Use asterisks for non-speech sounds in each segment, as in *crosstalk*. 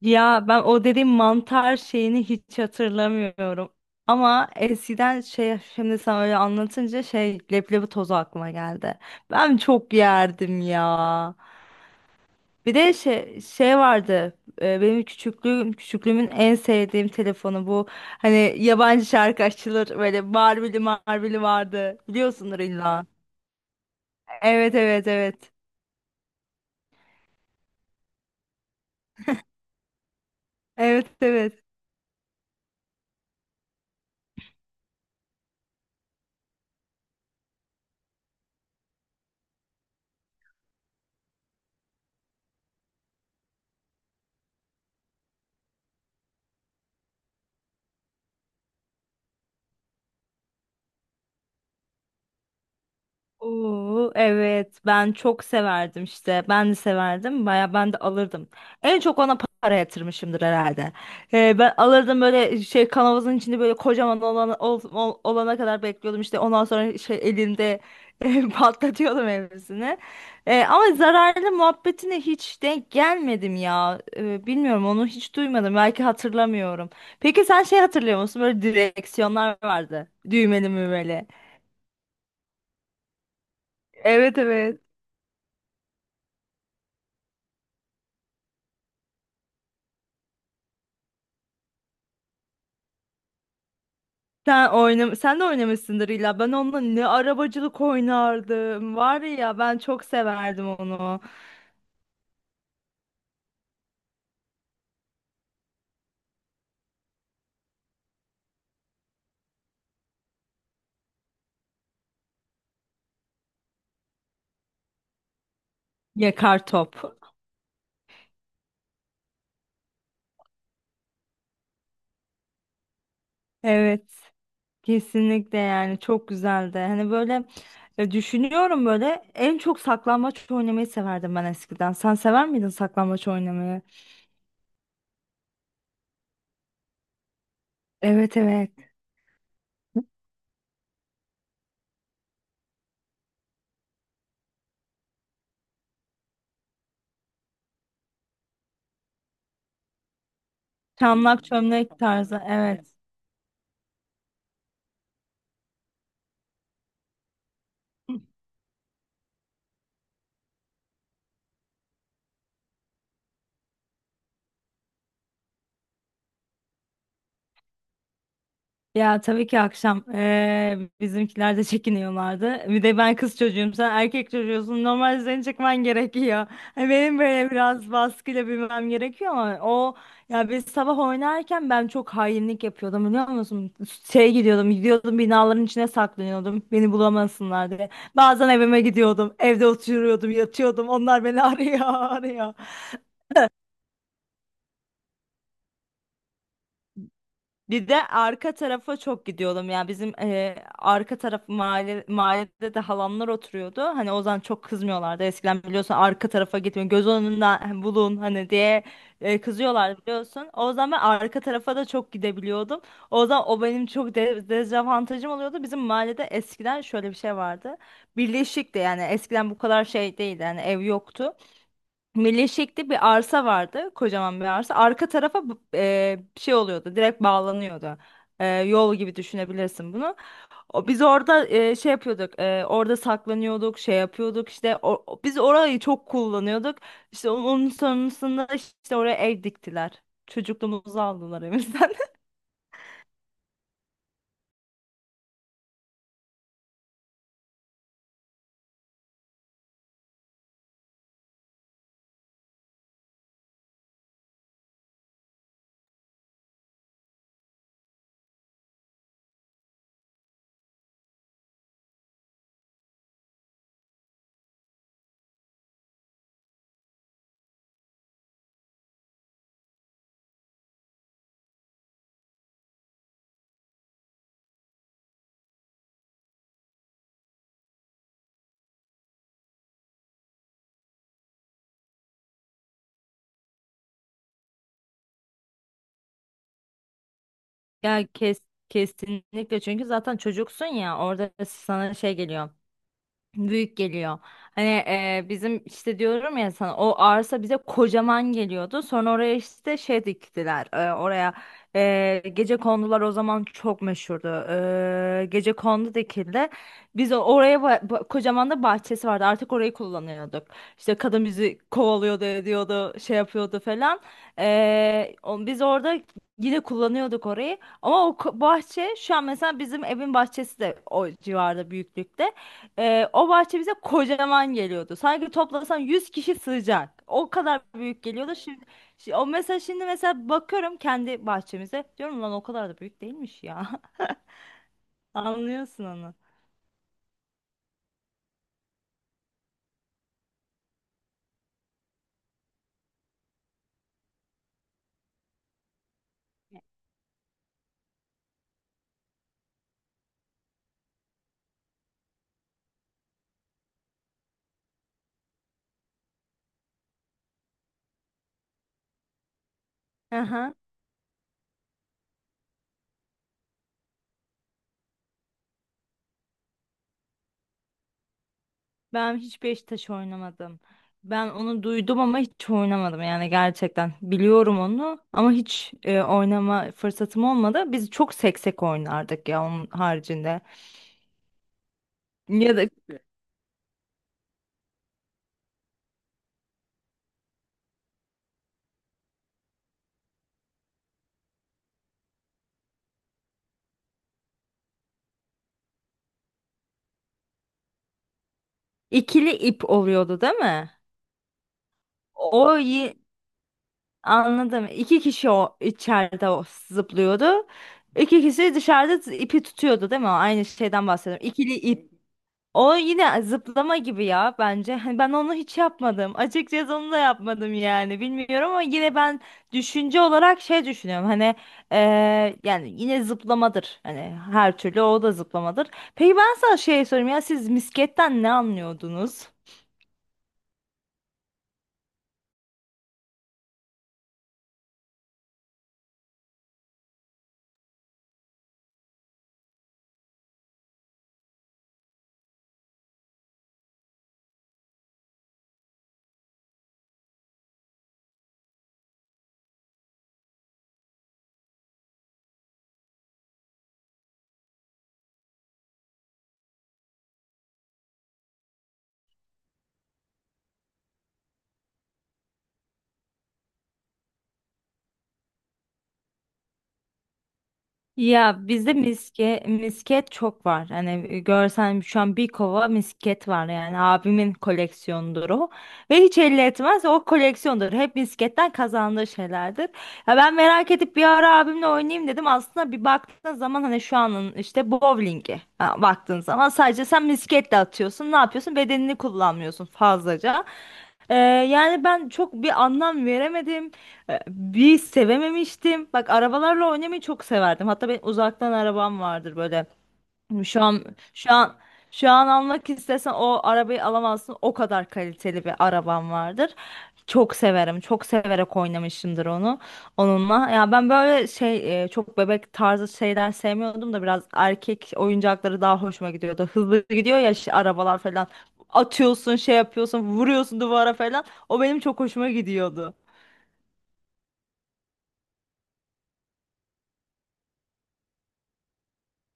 Ya ben o dediğim mantar şeyini hiç hatırlamıyorum. Ama eskiden şimdi sen öyle anlatınca leblebi tozu aklıma geldi. Ben çok yerdim ya. Bir de şey vardı. Benim küçüklüğümün en sevdiğim telefonu bu. Hani yabancı şarkı açılır böyle Marveli vardı. Biliyorsundur illa. Evet, evet, evet. Evet, evet. Oo, evet, ben çok severdim, işte ben de severdim baya, ben de alırdım, en çok ona para yatırmışımdır herhalde. Ben alırdım böyle şey kanavazın içinde böyle kocaman olana kadar bekliyordum, işte ondan sonra şey elimde *laughs* patlatıyordum hepsini. Ama zararlı muhabbetine hiç denk gelmedim ya. Bilmiyorum, onu hiç duymadım, belki hatırlamıyorum. Peki sen şey hatırlıyor musun, böyle direksiyonlar vardı düğmeli mümeli. Evet, evet. Sen de oynamışsındır illa. Ben onunla ne arabacılık oynardım. Var ya, ben çok severdim onu. Yakar top. Evet. Kesinlikle, yani çok güzeldi. Hani böyle, düşünüyorum böyle en çok saklambaç oynamayı severdim ben eskiden. Sen sever miydin saklambaç oynamayı? Evet, evet. Çamlak çömlek tarzı. Evet. Ya tabii ki akşam bizimkiler de çekiniyorlardı. Bir de ben kız çocuğum, sen erkek çocuğusun. Normalde seni çekmen gerekiyor. Hani benim böyle biraz baskıyla bilmem gerekiyor ama o. Ya biz sabah oynarken ben çok hainlik yapıyordum biliyor musun? Gidiyordum, binaların içine saklanıyordum. Beni bulamasınlar diye. Bazen evime gidiyordum, evde oturuyordum, yatıyordum. Onlar beni *laughs* arıyor, arıyor. Bir de arka tarafa çok gidiyordum. Yani bizim arka taraf mahallede de halamlar oturuyordu. Hani o zaman çok kızmıyorlardı. Eskiden biliyorsun arka tarafa gitmeyin, göz önünden bulun hani diye kızıyorlar biliyorsun. O zaman ben arka tarafa da çok gidebiliyordum. O zaman o benim çok de dezavantajım oluyordu. Bizim mahallede eskiden şöyle bir şey vardı. Birleşikti, yani eskiden bu kadar şey değildi. Yani ev yoktu. Melekşek'te bir arsa vardı. Kocaman bir arsa. Arka tarafa şey oluyordu. Direkt bağlanıyordu. E, yol gibi düşünebilirsin bunu. O, biz orada şey yapıyorduk. Orada saklanıyorduk. Şey yapıyorduk. İşte biz orayı çok kullanıyorduk. İşte onun sonrasında işte oraya ev diktiler. Çocukluğumuzu aldılar evimizden. *laughs* Ya kes, Kesinlikle, çünkü zaten çocuksun ya, orada sana şey geliyor. Büyük geliyor. Hani bizim işte diyorum ya sana, o arsa bize kocaman geliyordu. Sonra oraya işte şey diktiler. Oraya gece kondular, o zaman çok meşhurdu. E, gece kondu dikildi. Biz oraya kocaman da bahçesi vardı. Artık orayı kullanıyorduk. İşte kadın bizi kovalıyordu, ediyordu, şey yapıyordu falan. Biz orada yine kullanıyorduk orayı. Ama o bahçe, şu an mesela bizim evin bahçesi de o civarda büyüklükte. O bahçe bize kocaman geliyordu. Sanki toplasan 100 kişi sığacak. O kadar büyük geliyordu. O mesela şimdi mesela bakıyorum kendi bahçemize. Diyorum lan o kadar da büyük değilmiş ya. *laughs* Anlıyorsun onu. Aha. Ben hiç Beşiktaş oynamadım. Ben onu duydum ama hiç oynamadım yani gerçekten. Biliyorum onu ama hiç oynama fırsatım olmadı. Biz çok seksek oynardık ya onun haricinde. Ya da ikili ip oluyordu değil mi? O. Anladım. İki kişi o içeride o zıplıyordu. İki kişi dışarıda ipi tutuyordu değil mi? Aynı şeyden bahsediyorum. İkili ip. O yine zıplama gibi ya bence. Hani ben onu hiç yapmadım. Açıkçası onu da yapmadım yani. Bilmiyorum, ama yine ben düşünce olarak şey düşünüyorum. Hani yani yine zıplamadır. Hani her türlü o da zıplamadır. Peki ben sana şey sorayım, ya siz misketten ne anlıyordunuz? Ya bizde misket çok var. Hani görsen şu an bir kova misket var, yani abimin koleksiyonudur o. Ve hiç elli etmez o koleksiyondur. Hep misketten kazandığı şeylerdir. Ya ben merak edip bir ara abimle oynayayım dedim. Aslında bir baktığın zaman hani şu anın işte bowlingi ha, baktığın zaman sadece sen misketle atıyorsun. Ne yapıyorsun? Bedenini kullanmıyorsun fazlaca. Ee, Yani ben çok bir anlam veremedim. E, bir sevememiştim. Bak arabalarla oynamayı çok severdim. Hatta benim uzaktan arabam vardır böyle. Şu an şu an Şu an almak istesen o arabayı alamazsın. O kadar kaliteli bir arabam vardır. Çok severim. Çok severek oynamışımdır onunla. Ya ben böyle şey çok bebek tarzı şeyler sevmiyordum da biraz erkek oyuncakları daha hoşuma gidiyordu. Hızlı gidiyor ya işte arabalar falan. Atıyorsun, şey yapıyorsun, vuruyorsun duvara falan. O benim çok hoşuma gidiyordu.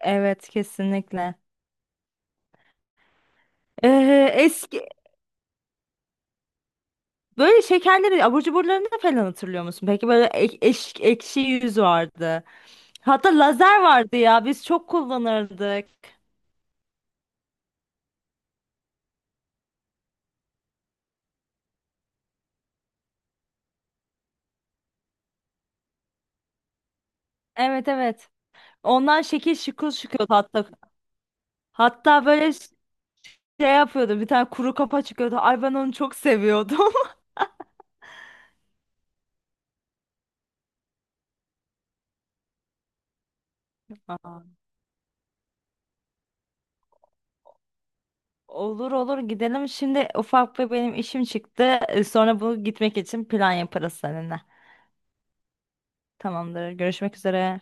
Evet, kesinlikle. Eski böyle şekerleri, abur cuburlarını falan hatırlıyor musun? Peki böyle ekşi yüz vardı. Hatta lazer vardı ya, biz çok kullanırdık. Evet, evet. Ondan şekil şıkıl çıkıyordu hatta. Hatta böyle şey yapıyordu, bir tane kuru kafa çıkıyordu. Ay ben onu çok seviyordum. *laughs* Aa, olur olur, gidelim. Şimdi ufak bir benim işim çıktı. Sonra bu gitmek için plan yaparız seninle. Tamamdır. Görüşmek üzere.